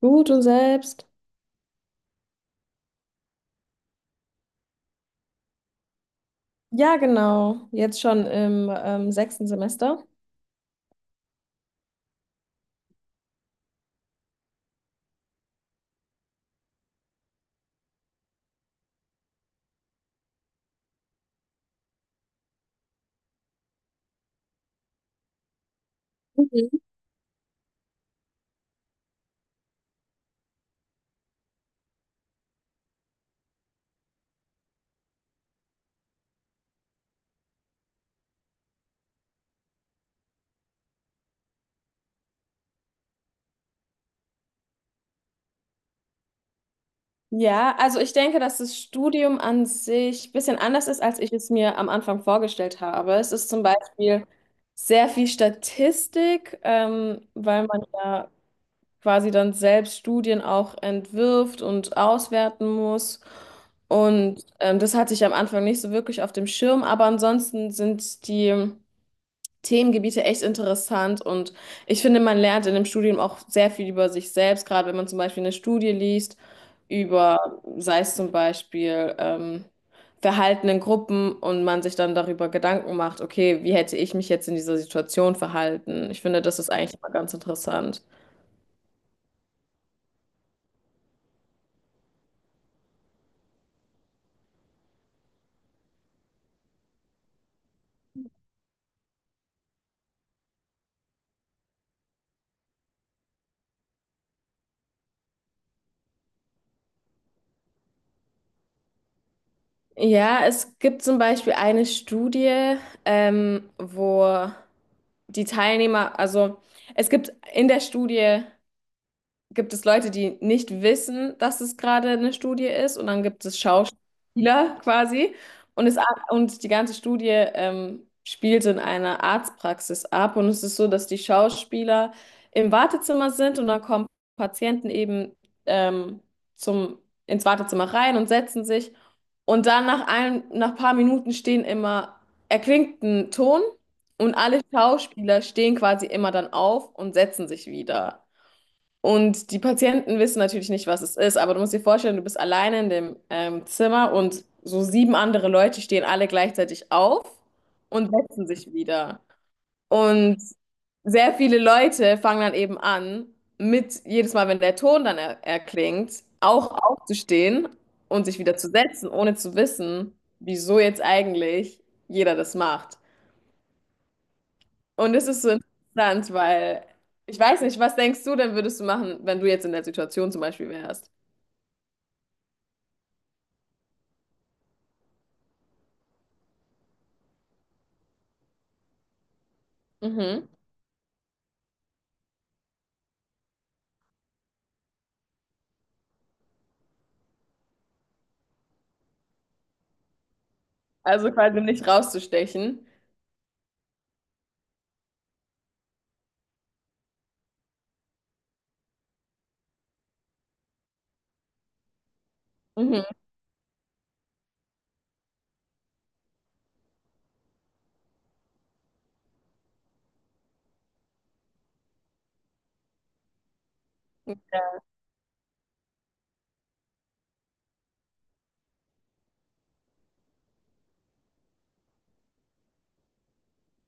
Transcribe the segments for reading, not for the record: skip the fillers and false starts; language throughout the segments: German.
Gut und selbst? Ja, genau. Jetzt schon im sechsten Semester. Mhm. Ja, also ich denke, dass das Studium an sich ein bisschen anders ist, als ich es mir am Anfang vorgestellt habe. Es ist zum Beispiel sehr viel Statistik, weil man ja quasi dann selbst Studien auch entwirft und auswerten muss. Und das hatte ich am Anfang nicht so wirklich auf dem Schirm, aber ansonsten sind die Themengebiete echt interessant und ich finde, man lernt in dem Studium auch sehr viel über sich selbst, gerade wenn man zum Beispiel eine Studie liest über, sei es zum Beispiel Verhalten in Gruppen und man sich dann darüber Gedanken macht, okay, wie hätte ich mich jetzt in dieser Situation verhalten? Ich finde, das ist eigentlich immer ganz interessant. Ja, es gibt zum Beispiel eine Studie, wo die Teilnehmer, also es gibt in der Studie gibt es Leute, die nicht wissen, dass es gerade eine Studie ist und dann gibt es Schauspieler quasi und, es, und die ganze Studie spielt in einer Arztpraxis ab und es ist so, dass die Schauspieler im Wartezimmer sind und dann kommen Patienten eben ähm, zum, ins Wartezimmer rein und setzen sich und dann nach ein paar Minuten erklingt ein Ton und alle Schauspieler stehen quasi immer dann auf und setzen sich wieder. Und die Patienten wissen natürlich nicht, was es ist, aber du musst dir vorstellen, du bist alleine in dem Zimmer und so sieben andere Leute stehen alle gleichzeitig auf und setzen sich wieder. Und sehr viele Leute fangen dann eben an, mit jedes Mal, wenn der Ton dann er erklingt, auch aufzustehen und sich wieder zu setzen, ohne zu wissen, wieso jetzt eigentlich jeder das macht. Und es ist so interessant, weil ich weiß nicht, was denkst du denn, würdest du machen, wenn du jetzt in der Situation zum Beispiel wärst? Mhm. Also quasi nicht rauszustechen. Mhm.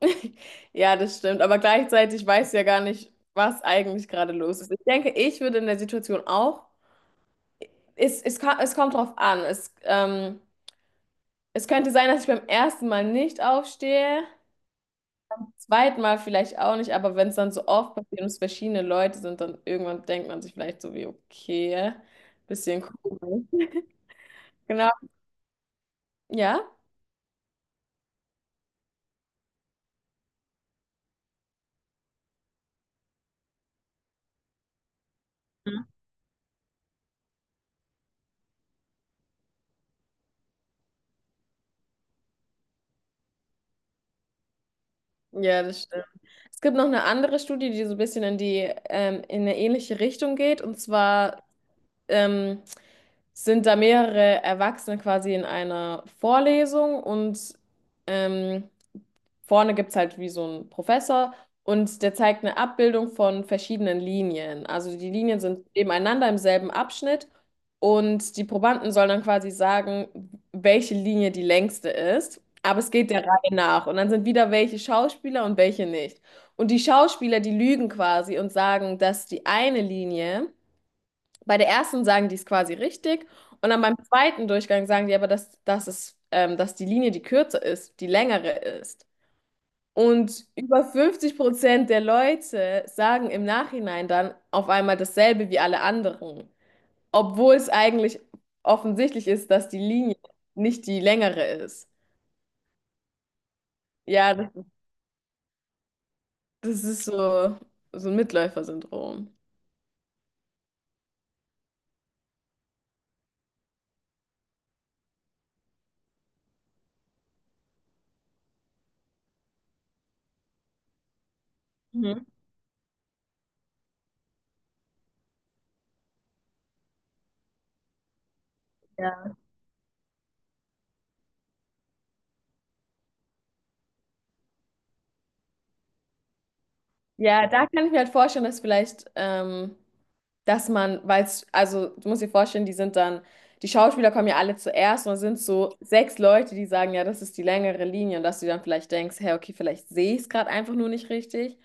Ja, das stimmt. Aber gleichzeitig weiß ja gar nicht, was eigentlich gerade los ist. Ich denke, ich würde in der Situation auch. Es kommt drauf an. Es könnte sein, dass ich beim ersten Mal nicht aufstehe. Zweitmal vielleicht auch nicht, aber wenn es dann so oft passiert und es verschiedene Leute sind, dann irgendwann denkt man sich vielleicht so wie, okay, bisschen cool. Genau. Ja? Ja, das stimmt. Es gibt noch eine andere Studie, die so ein bisschen in eine ähnliche Richtung geht. Und zwar ähm, sind da mehrere Erwachsene quasi in einer Vorlesung und ähm, vorne gibt es halt wie so einen Professor und der zeigt eine Abbildung von verschiedenen Linien. Also die Linien sind nebeneinander im selben Abschnitt und die Probanden sollen dann quasi sagen, welche Linie die längste ist. Aber es geht der Reihe nach. Und dann sind wieder welche Schauspieler und welche nicht. Und die Schauspieler, die lügen quasi und sagen, dass die eine Linie, bei der ersten sagen die es quasi richtig. Und dann beim zweiten Durchgang sagen die aber, dass die Linie, die kürzer ist, die längere ist. Und über 50% der Leute sagen im Nachhinein dann auf einmal dasselbe wie alle anderen, obwohl es eigentlich offensichtlich ist, dass die Linie nicht die längere ist. Ja, das, das ist so, so ein Mitläufer-Syndrom. Mhm. Ja. Ja, da kann ich mir halt vorstellen, dass vielleicht, dass man, weil es, also du musst dir vorstellen, die sind dann, die Schauspieler kommen ja alle zuerst und es sind so sechs Leute, die sagen, ja, das ist die längere Linie und dass du dann vielleicht denkst, hey, okay, vielleicht sehe ich es gerade einfach nur nicht richtig.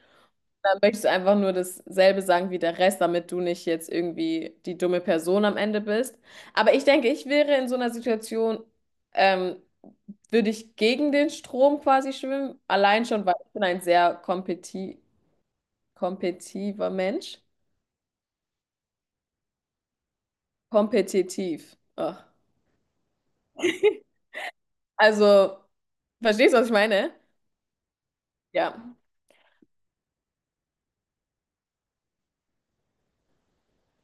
Dann möchtest du einfach nur dasselbe sagen wie der Rest, damit du nicht jetzt irgendwie die dumme Person am Ende bist. Aber ich denke, ich wäre in so einer Situation, ähm, würde ich gegen den Strom quasi schwimmen, allein schon, weil ich bin ein sehr kompetiver Mensch? Kompetitiv. Ach. Also, verstehst du, was ich meine? Ja.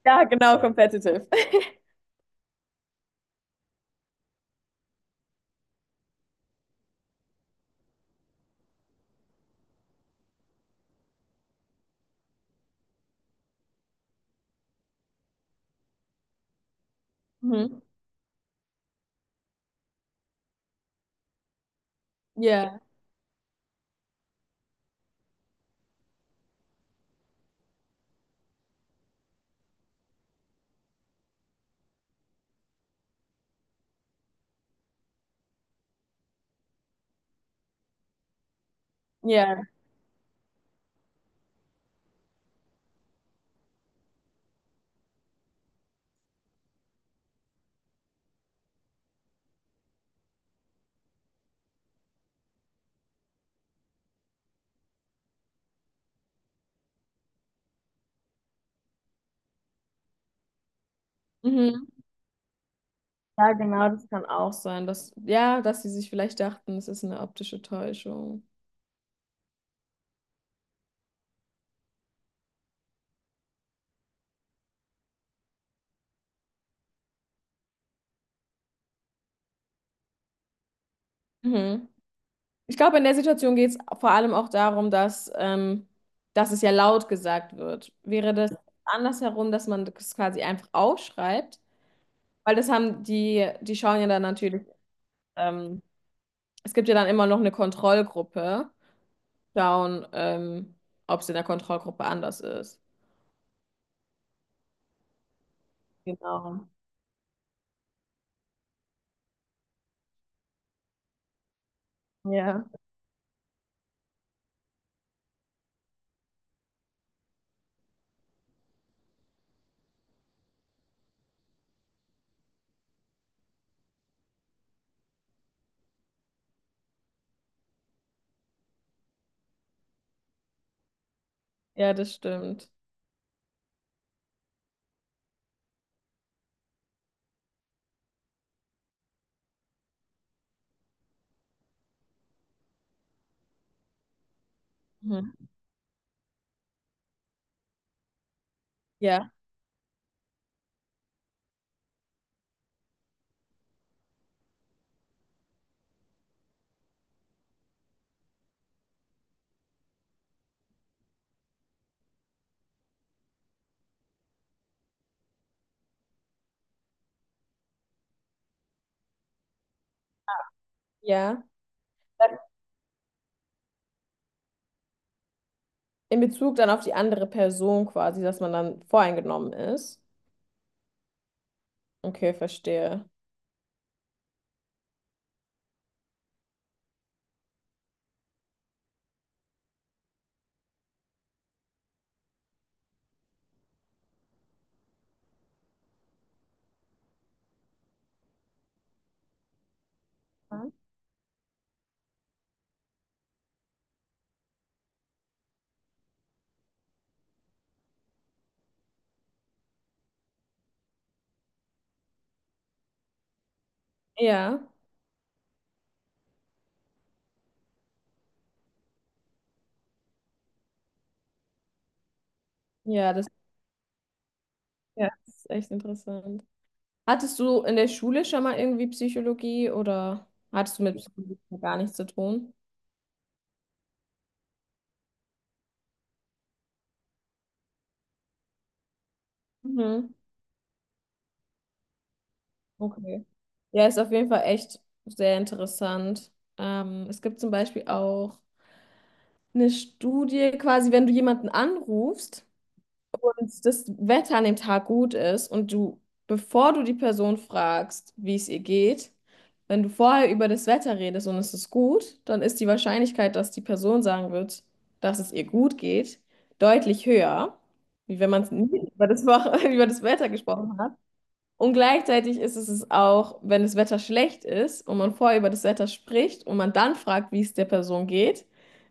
Ja, genau, competitive. Mhm. Ja, ja. Mhm. Ja, genau, das kann auch sein. Dass, ja, dass sie sich vielleicht dachten, es ist eine optische Täuschung. Mhm. Ich glaube, in der Situation geht es vor allem auch darum, dass, dass es ja laut gesagt wird. Wäre das andersherum, dass man das quasi einfach aufschreibt? Weil das haben die, die schauen ja dann natürlich ähm, es gibt ja dann immer noch eine Kontrollgruppe. Schauen, ob es in der Kontrollgruppe anders ist. Genau. Ja, ja, das stimmt. Mhm. Ja, ja. In Bezug dann auf die andere Person quasi, dass man dann voreingenommen ist. Okay, verstehe. Mhm. Ja, ja, das, ja, das ist echt interessant. Hattest du in der Schule schon mal irgendwie Psychologie oder hattest du mit Psychologie gar nichts zu tun? Mhm. Okay. Ja, ist auf jeden Fall echt sehr interessant. Es gibt zum Beispiel auch eine Studie, quasi, wenn du jemanden anrufst und das Wetter an dem Tag gut ist und du, bevor du die Person fragst, wie es ihr geht, wenn du vorher über das Wetter redest und es ist gut, dann ist die Wahrscheinlichkeit, dass die Person sagen wird, dass es ihr gut geht, deutlich höher, wie wenn man es nie über das, Woche- über das Wetter gesprochen hat. Und gleichzeitig ist es auch, wenn das Wetter schlecht ist und man vorher über das Wetter spricht und man dann fragt, wie es der Person geht,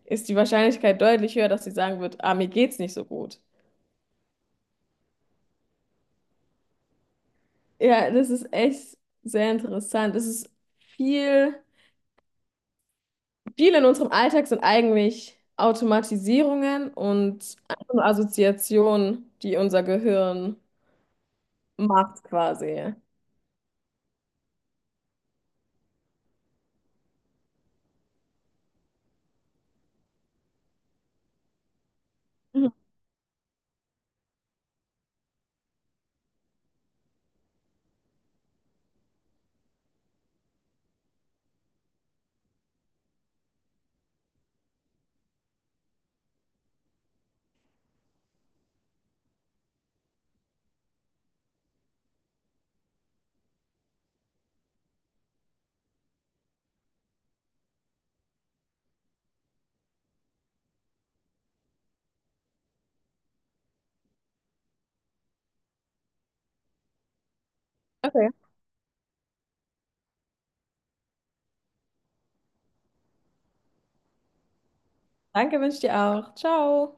ist die Wahrscheinlichkeit deutlich höher, dass sie sagen wird, ah, mir geht's nicht so gut. Ja, das ist echt sehr interessant. Es ist viel, viel in unserem Alltag sind eigentlich Automatisierungen und einfach nur Assoziationen, die unser Gehirn macht quasi. Mhm. Okay. Danke, wünsche ich dir auch. Ciao.